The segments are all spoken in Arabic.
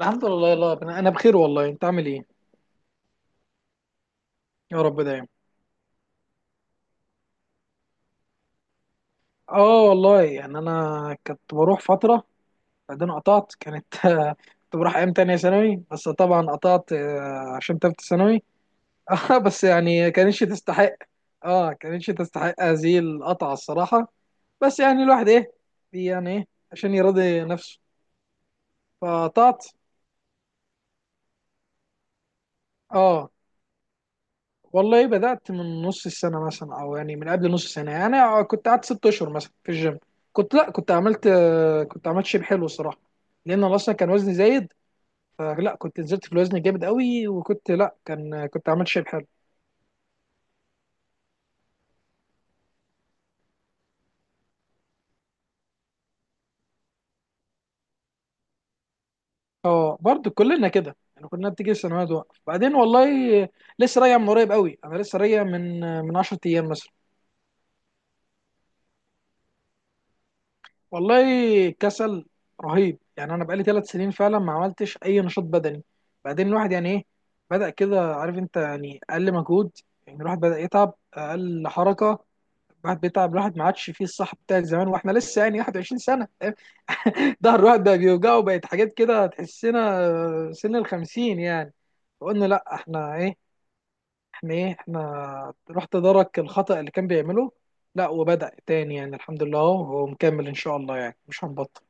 الحمد لله، يلا ربنا، انا بخير والله. انت عامل ايه؟ يا رب دايما. اه والله يعني انا كنت بروح فتره بعدين قطعت كنت بروح ايام تانية ثانوي، بس طبعا قطعت عشان تالتة ثانوي. اه بس يعني كانتش تستحق. اه كانتش تستحق هذه القطعه الصراحه. بس يعني الواحد ايه يعني ايه عشان يرضي نفسه، فقطعت. اه والله بدأت من نص السنة مثلا، أو يعني من قبل نص سنة، يعني أنا كنت قعدت 6 أشهر مثلا في الجيم. كنت لأ كنت عملت كنت عملت شيب حلو الصراحة، لأن أنا أصلا كان وزني زايد. فلا كنت نزلت في الوزن جامد قوي، وكنت لأ كان كنت عملت شيب حلو. أه برضه كلنا كده، يعني كلنا بتيجي السنوات وقف بعدين والله. لسه راجع من قريب قوي، أنا لسه راجع من 10 أيام مثلا. والله كسل رهيب يعني، انا بقالي 3 سنين فعلا ما عملتش اي نشاط بدني. بعدين الواحد يعني ايه بدأ كده، عارف انت، يعني اقل مجهود، يعني الواحد بدأ يتعب اقل حركة. الواحد بيتعب، الواحد ما عادش فيه الصح بتاع زمان، واحنا لسه يعني 21 سنة. ظهر الواحد بقى بيوجعه، بقت حاجات كده تحسنا سن الخمسين يعني. فقلنا لا احنا ايه احنا ايه احنا راح تدارك الخطأ اللي كان بيعمله. لا وبدأ تاني يعني، الحمد لله هو مكمل ان شاء الله، يعني مش هنبطل.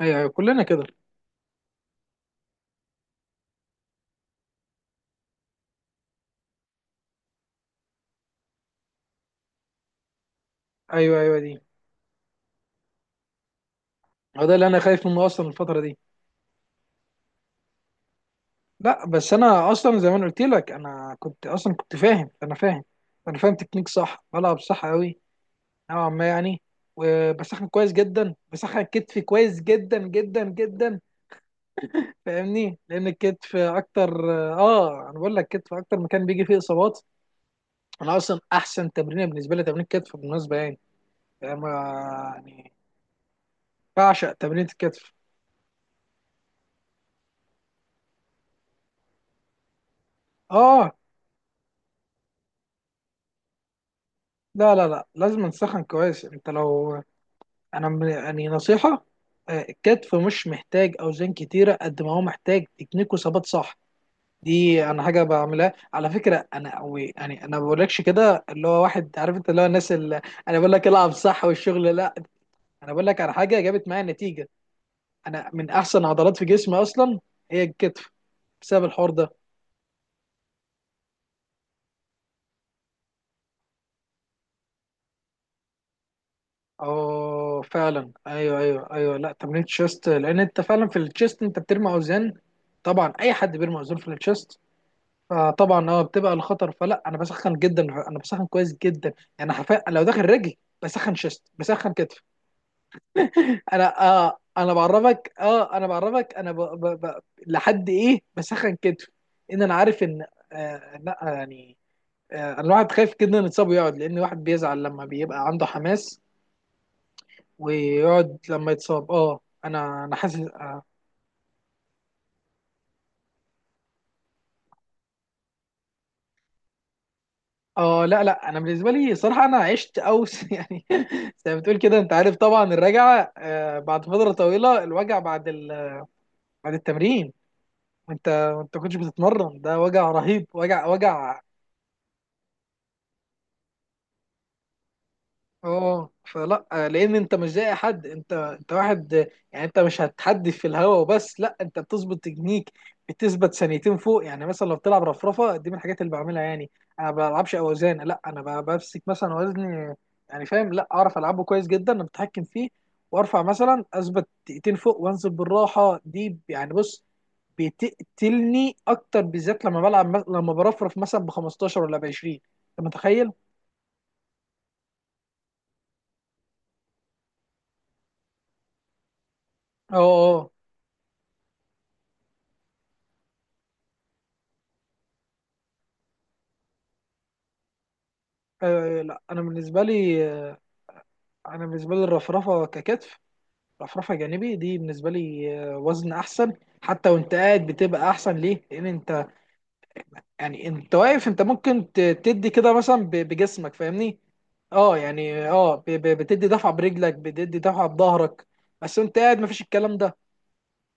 ايوه، ايوه، كلنا كده. ايوه، ايوه، دي هو ده اللي انا خايف منه اصلا الفتره دي. لا بس انا اصلا زي ما انا قلت لك، انا كنت اصلا كنت فاهم انا فاهم انا فاهم تكنيك، صح، بلعب صح قوي نوعا ما يعني. وبسخن كويس جدا، بسخن كتفي كويس جدا جدا جدا. فاهمني، لان الكتف اكتر، اه انا بقول لك كتف اكتر مكان بيجي فيه اصابات. انا اصلا احسن تمرين بالنسبه لي تمرين الكتف بالمناسبه يعني. يعني بعشق تمرين الكتف. اه، لا لا لا، لازم نسخن كويس. انت لو انا م- يعني نصيحة: الكتف مش محتاج اوزان كتيرة قد ما هو محتاج تكنيك وثبات صح. دي انا حاجة بعملها على فكرة، انا أو يعني انا ما بقولكش كده اللي هو واحد، عارف انت، اللي هو الناس اللي... انا بقول لك العب صح، والشغل لا. انا بقول لك على حاجة جابت معايا نتيجة. انا من احسن عضلات في جسمي اصلا هي الكتف بسبب الحوار ده. اه فعلا، ايوه، ايوه، ايوه، لا تمرين الشيست لان انت فعلا في الشيست انت بترمي اوزان. طبعا اي حد بيرمي اوزان في الشيست، فطبعا اه بتبقى الخطر. فلا انا بسخن جدا، انا بسخن كويس جدا، يعني حرفيا لو داخل رجل بسخن شيست بسخن كتف. انا بعرفك اه انا بعرفك انا ب... ب... ب... لحد ايه بسخن كتف. ان انا عارف ان... لا يعني الواحد خايف جدا يتصاب ويقعد، لان الواحد بيزعل لما بيبقى عنده حماس ويقعد لما يتصاب. اه انا حاسس لا لا انا بالنسبه لي صراحه انا عشت اوس يعني، زي ما بتقول كده انت عارف، طبعا الرجعه بعد فتره طويله، الوجع بعد ال... بعد التمرين. وانت كنتش بتتمرن، ده وجع رهيب، وجع وجع. اه فلا لان انت مش زي أي حد، انت واحد يعني، انت مش هتحدف في الهواء وبس، لا انت بتظبط تكنيك، بتثبت ثانيتين فوق يعني. مثلا لو بتلعب رفرفه، دي من الحاجات اللي بعملها يعني. انا ما بلعبش اوزان، لا انا بمسك مثلا وزني، يعني فاهم، لا اعرف العبه كويس جدا، انا بتحكم فيه وارفع، مثلا اثبت دقيقتين فوق وانزل بالراحه، دي يعني بص بتقتلني اكتر بالذات لما بلعب لما برفرف مثلا ب 15 ولا ب 20. انت متخيل؟ اه. أه لا انا بالنسبه لي انا بالنسبه لي الرفرفه ككتف، رفرفه جانبي دي بالنسبه لي وزن احسن. حتى وانت قاعد بتبقى احسن، ليه، لان انت يعني انت واقف، انت ممكن تدي كده مثلا بجسمك فاهمني. اه يعني اه بتدي دفعه برجلك، بتدي دفعه بظهرك. بس انت قاعد مفيش الكلام ده،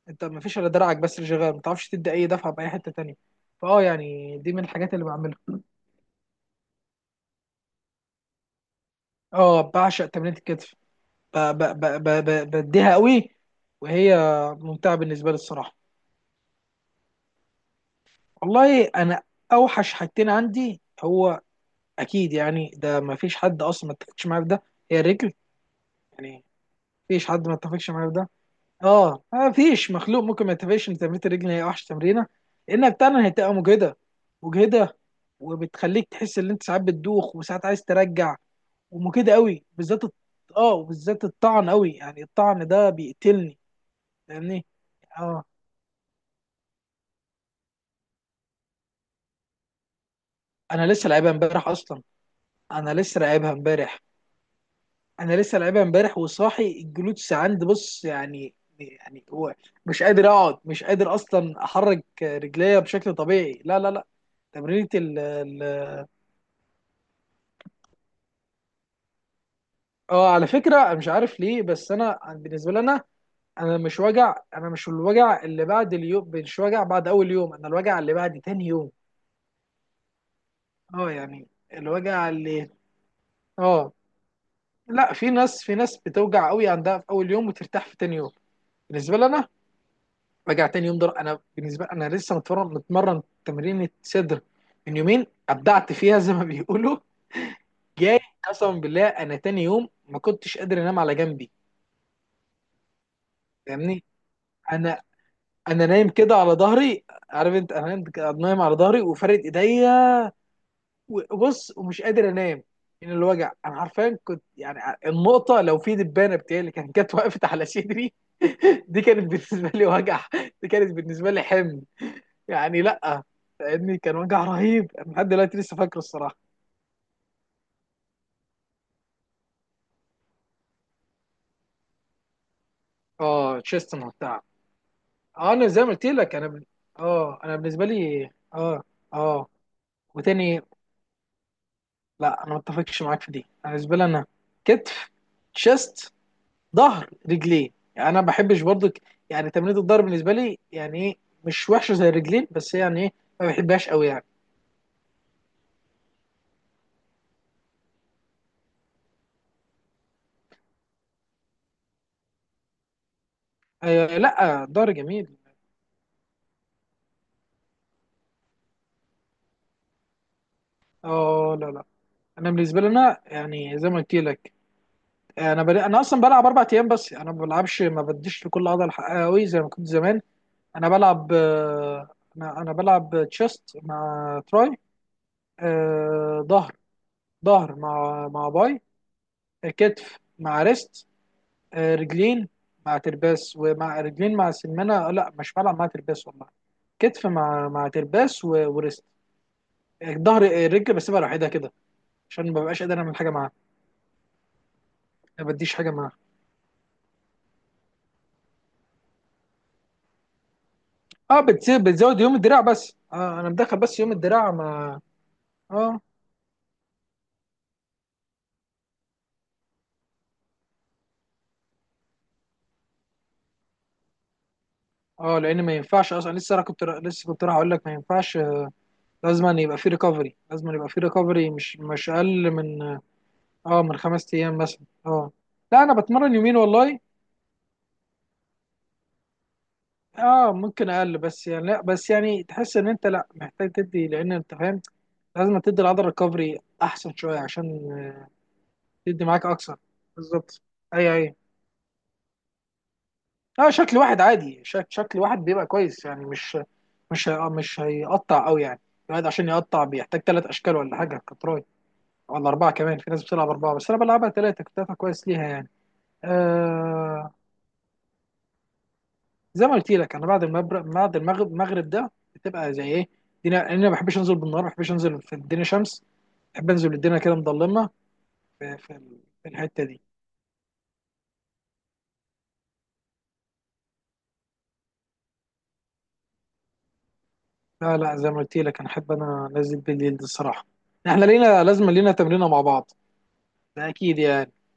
انت مفيش الا دراعك بس اللي شغال، ما تعرفش تدي اي دفعه باي حته تانية. فاه يعني دي من الحاجات اللي بعملها. اه بعشق تمرينة الكتف، بديها قوي، وهي ممتعة بالنسبة لي الصراحة. والله أنا أوحش حاجتين عندي هو أكيد يعني، ده ما فيش حد أصلا ما اتفقش معايا في ده، هي الرجل. يعني ما فيش حد ما اتفقش معايا في ده. أه ما فيش مخلوق ممكن ما يتفقش إن تمرينة الرجل هي أوحش تمرينة، لأنها بتاعنا هتبقى مجهدة مجهدة، وبتخليك تحس إن أنت ساعات بتدوخ وساعات عايز ترجع، ومجهدة قوي بالذات الط- أه وبالذات الطعن قوي، يعني الطعن ده بيقتلني فاهمني. اه انا لسه لعبها امبارح اصلا. انا لسه لعبها امبارح. انا لسه لعبها امبارح وصاحي الجلوتس عندي، بص يعني. يعني هو مش قادر اقعد، مش قادر اصلا احرك رجليا بشكل طبيعي، لا لا لا. تمرينة ال ال- اه على فكرة مش عارف ليه، بس انا بالنسبة لي انا مش وجع، انا مش الوجع اللي بعد اليوم، مش وجع بعد اول يوم، انا الوجع اللي بعد تاني يوم. اه يعني الوجع اللي... اه لا، في ناس بتوجع قوي عندها في اول يوم وترتاح في تاني يوم. بالنسبة لي انا رجع تاني يوم ضرب. انا بالنسبه لي انا لسه متمرن، متمرن تمرين صدر من يومين، ابدعت فيها زي ما بيقولوا جاي. قسما بالله انا تاني يوم ما كنتش قادر انام على جنبي، فاهمني. انا انا نايم كده على ظهري، عارف انت، انا نايم نايم على ظهري وفارد ايديا وبص، ومش قادر انام من الوجع. انا عارفين كنت يعني النقطه، لو في دبانه بتاعي اللي كانت جت وقفت على صدري دي كانت بالنسبه لي وجع، دي كانت بالنسبه لي حمل، يعني لا فاهمني كان وجع رهيب، أنا لحد دلوقتي لسه فاكره الصراحه. اه تشيستن وبتاع. اه انا زي ما قلت لك اه انا بالنسبه لي اه وتاني، لا انا ما اتفقش معاك في دي. انا بالنسبه لي انا كتف، تشيست، ظهر، رجلين، يعني انا ما بحبش برضك، يعني تمرينة الظهر بالنسبه لي يعني ايه مش وحشه زي الرجلين، بس يعني ايه ما بحبهاش قوي يعني. آه لا الظهر جميل. اه لا لا انا بالنسبه لي انا يعني زي ما قلت لك انا اصلا بلعب 4 ايام بس، يعني انا ما بلعبش، ما بديش لكل عضله حقها قوي زي ما كنت زمان. انا بلعب انا بلعب تشيست مع تراي، آه، ظهر ظهر مع باي، كتف مع ريست، رجلين مع ترباس ومع رجلين مع سمانه، لا مش بلعب مع ترباس والله. كتف مع ترباس وريست، ظهر. الرجل بسيبها لوحدها كده عشان ما ببقاش قادر اعمل حاجه معاها، ما بديش حاجه معاها. اه بتزود يوم الدراع بس، انا مدخل بس يوم الدراع ما... اه اه لان ما ينفعش اصلا، لسه انا كنت لسه كنت راح اقول لك ما ينفعش. لازم أن يبقى في ريكفري، لازم أن يبقى في ريكفري، مش اقل من 5 ايام مثلا. اه لا انا بتمرن يومين والله. اه ممكن اقل بس يعني، لا بس يعني تحس ان انت لا محتاج تدي، لان انت فاهم لازم تدي العضله ريكفري احسن شويه عشان تدي معاك اكثر. بالظبط اي اي. لا شكل واحد عادي، شكل واحد بيبقى كويس يعني، مش مش هيقطع قوي يعني، الواحد عشان يقطع بيحتاج 3 اشكال ولا حاجه كتراي ولا اربعه كمان، في ناس بتلعب اربعه بس انا بلعبها ثلاثه، كنت دافع كويس ليها يعني. آه زي ما قلت لك انا بعد المغرب، المغرب ده بتبقى زي ايه الدنيا، لأن انا ما بحبش انزل بالنهار، ما بحبش انزل في الدنيا شمس، بحب انزل الدنيا كده مظلمه في الحته دي. لا لا زي ما قلت لك انا احب انا انزل بالليل دي الصراحه. احنا لينا، لازم لينا تمرينه مع بعض. ده اكيد يعني.